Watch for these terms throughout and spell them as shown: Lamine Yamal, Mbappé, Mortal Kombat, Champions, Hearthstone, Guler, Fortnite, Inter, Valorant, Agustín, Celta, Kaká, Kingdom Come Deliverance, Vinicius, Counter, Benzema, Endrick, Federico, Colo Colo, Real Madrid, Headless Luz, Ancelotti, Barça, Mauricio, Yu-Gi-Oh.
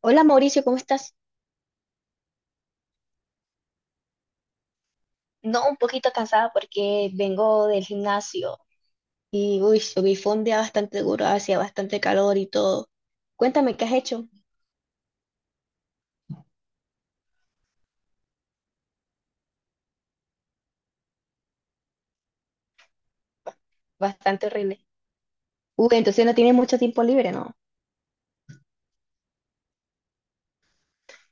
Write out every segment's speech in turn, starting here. Hola Mauricio, ¿cómo estás? No, un poquito cansada porque vengo del gimnasio y uy, subí fue un día bastante duro, hacía bastante calor y todo. Cuéntame, ¿qué has hecho? Bastante horrible. Uy, entonces no tienes mucho tiempo libre, ¿no?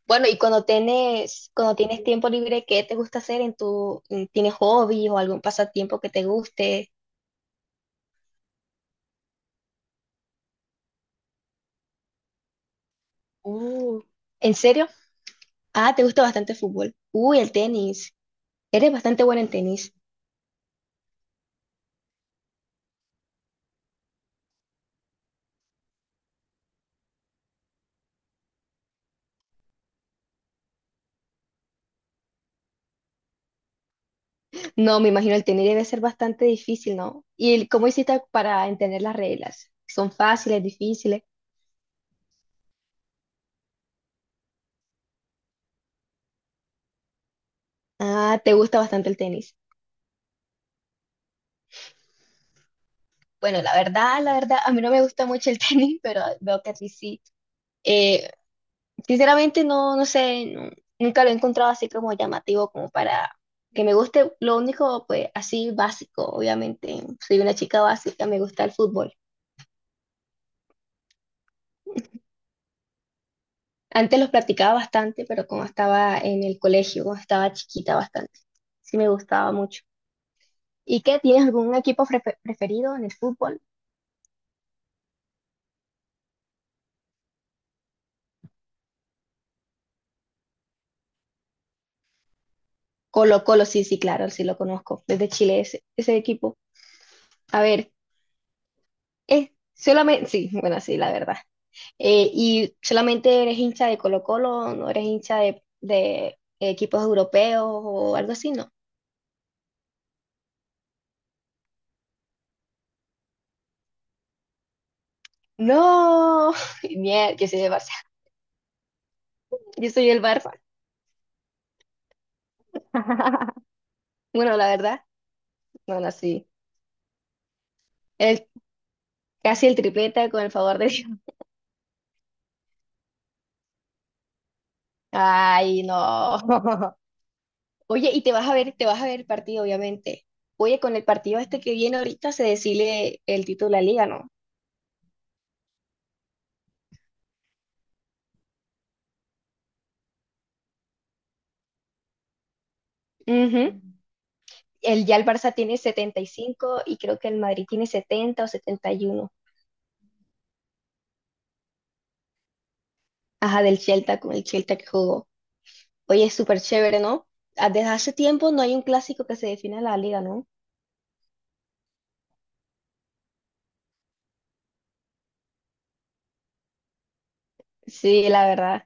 Bueno, y cuando tienes tiempo libre, ¿qué te gusta hacer tienes hobbies o algún pasatiempo que te guste? Uh, ¿En serio? Ah, te gusta bastante el fútbol. Uy, el tenis. Eres bastante buena en tenis. No, me imagino el tenis debe ser bastante difícil, ¿no? ¿Y cómo hiciste para entender las reglas? ¿Son fáciles, difíciles? Ah, ¿te gusta bastante el tenis? Bueno, la verdad, a mí no me gusta mucho el tenis, pero veo que a ti sí. Eh, sinceramente, no, no sé, nunca lo he encontrado así como llamativo, como para que me guste. Lo único, pues, así básico, obviamente. Soy una chica básica, me gusta el fútbol. Antes los practicaba bastante, pero como estaba en el colegio, como estaba chiquita bastante, sí me gustaba mucho. ¿Y qué? ¿Tienes algún equipo preferido en el fútbol? Colo Colo, sí, sí, claro, sí lo conozco. Desde Chile ese equipo. A ver, es solamente, sí, bueno, sí, la verdad. ¿Y solamente eres hincha de Colo Colo? ¿No eres hincha de equipos europeos o algo así, no? No, yo soy del Barça. Yo soy el Barça. Bueno, la verdad, bueno, sí. El, casi el tripleta con el favor de Dios. Ay, no. Oye, y te vas a ver el partido, obviamente. Oye, con el partido este que viene ahorita se decide el título de la liga, ¿no? Ujú. Ya el Barça tiene 75 y creo que el Madrid tiene 70 o 71. Ajá, del Celta con el Celta que jugó. Oye, es súper chévere, ¿no? Ah, desde hace tiempo no hay un clásico que se defina la liga, ¿no? Sí, la verdad.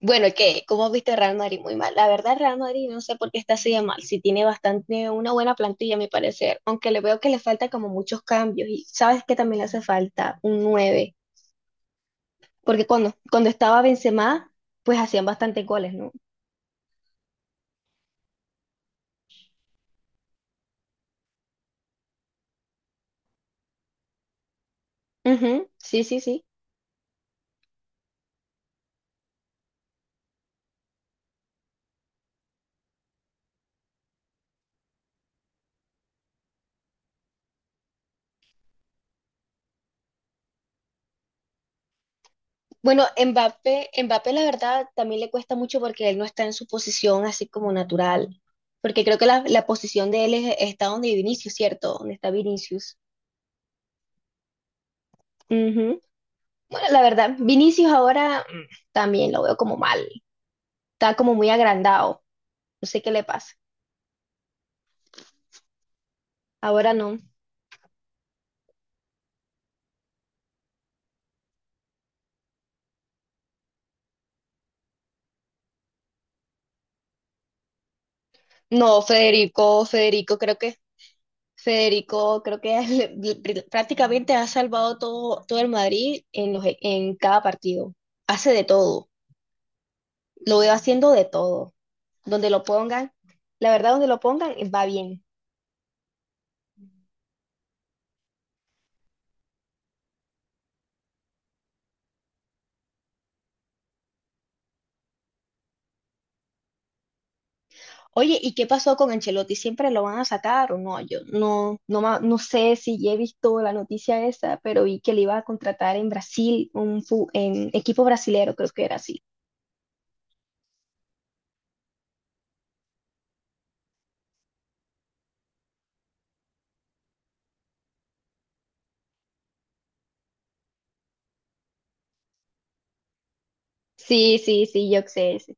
Bueno, ¿qué? ¿Cómo viste Real Madrid? Muy mal. La verdad, Real Madrid no sé por qué está así de mal. Si tiene bastante, una buena plantilla, a mi parecer. Aunque le veo que le falta como muchos cambios. Y sabes que también le hace falta un 9, porque cuando estaba Benzema, pues hacían bastantes goles, ¿no? Ujú, sí, sí, sí. Bueno, Mbappé la verdad también le cuesta mucho porque él no está en su posición así como natural. Porque creo que la posición de él es, está donde Vinicius, ¿cierto? Donde está Vinicius. Bueno, la verdad, Vinicius ahora también lo veo como mal. Está como muy agrandado. No sé qué le pasa. Ahora no. No, Federico, creo que prácticamente ha salvado todo, todo el Madrid en en cada partido. Hace de todo, lo veo haciendo de todo. Donde lo pongan, la verdad, donde lo pongan, va bien. Oye, ¿y qué pasó con Ancelotti? ¿Siempre lo van a sacar o no? Yo no sé si ya he visto la noticia esa, pero vi que le iba a contratar en Brasil, en equipo brasilero, creo que era así. Sí, sí, sí, yo sé. Sí.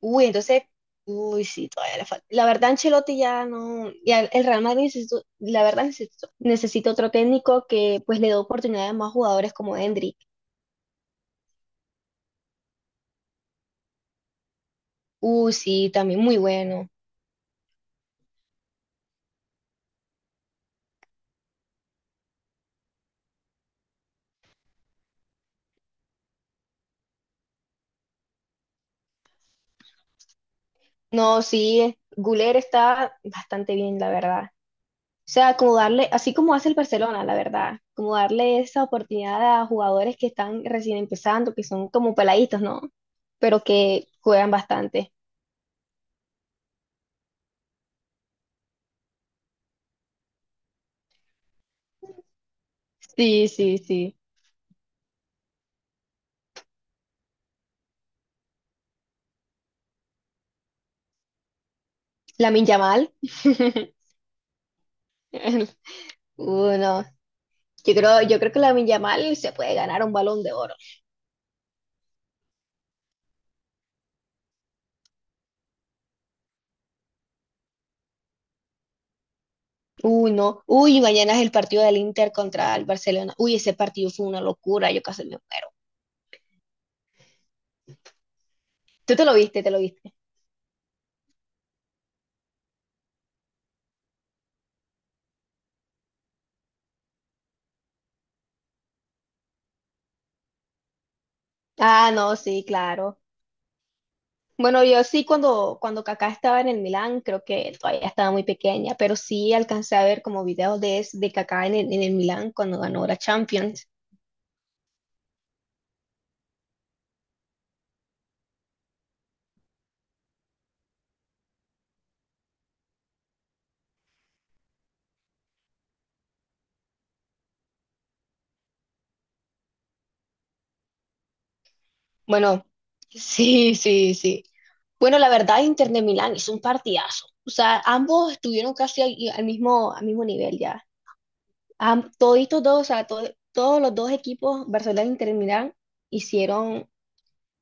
Uy, entonces, uy, sí, todavía le falta. La verdad, Ancelotti ya no, ya el Real Madrid necesito, la verdad necesito otro técnico que pues le dé oportunidades a más jugadores como Endrick. Uy, sí, también muy bueno. No, sí, Guler está bastante bien, la verdad. O sea, como darle, así como hace el Barcelona, la verdad, como darle esa oportunidad a jugadores que están recién empezando, que son como peladitos, ¿no? Pero que juegan bastante. Sí, sí, sí. Lamine Yamal. Uno. Yo creo que Lamine Yamal se puede ganar un balón de oro. Uy, no. Uy, mañana es el partido del Inter contra el Barcelona. Uy, ese partido fue una locura, yo casi me muero. Tú te lo viste. Ah, no, sí, claro. Bueno, yo sí cuando Kaká estaba en el Milán, creo que todavía estaba muy pequeña, pero sí alcancé a ver como videos de Kaká en el Milán cuando ganó la Champions. Bueno, sí, sí, sí. Bueno, la verdad, Inter de Milán hizo un partidazo. O sea, ambos estuvieron casi al mismo nivel ya. Toditos dos, o sea, todos los dos equipos, Barcelona e Inter de Milán, hicieron, o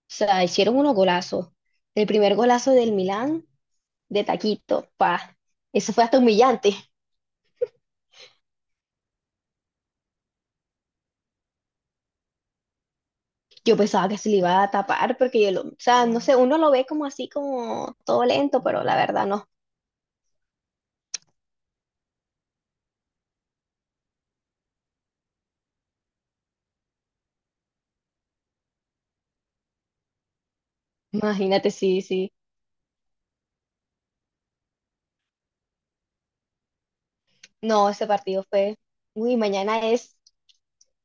sea, hicieron unos golazos. El primer golazo del Milán, de taquito, pa. Eso fue hasta humillante. Yo pensaba que se le iba a tapar porque yo lo, o sea, no sé, uno lo ve como así, como todo lento, pero la verdad no. Imagínate, sí, sí. No, ese partido fue, uy, mañana es,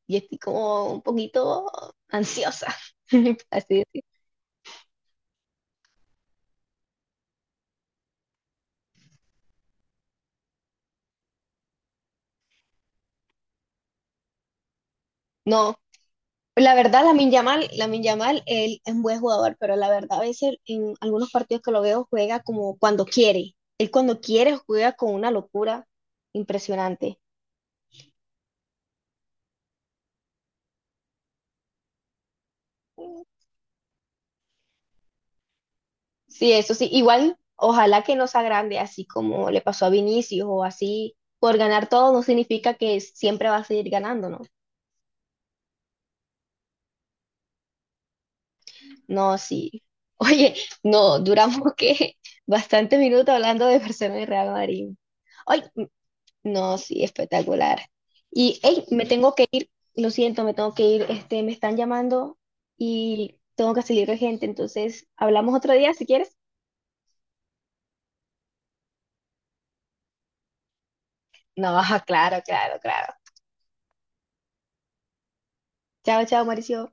y estoy como un poquito ansiosa, así decir. No, la verdad, Lamine Yamal, él es un buen jugador, pero la verdad, a veces en algunos partidos que lo veo juega como cuando quiere. Él cuando quiere juega con una locura impresionante. Sí, eso sí. Igual, ojalá que no sea grande, así como le pasó a Vinicius o así. Por ganar todo no significa que siempre va a seguir ganando, ¿no? No, sí. Oye, no, duramos que bastantes minutos hablando de Barcelona y Real Madrid. Ay, no, sí, espectacular. Y, hey, me tengo que ir, lo siento, me tengo que ir, me están llamando y tengo que salir de gente, entonces, ¿hablamos otro día si quieres? No, claro, claro, claro. Chao, chao, Mauricio.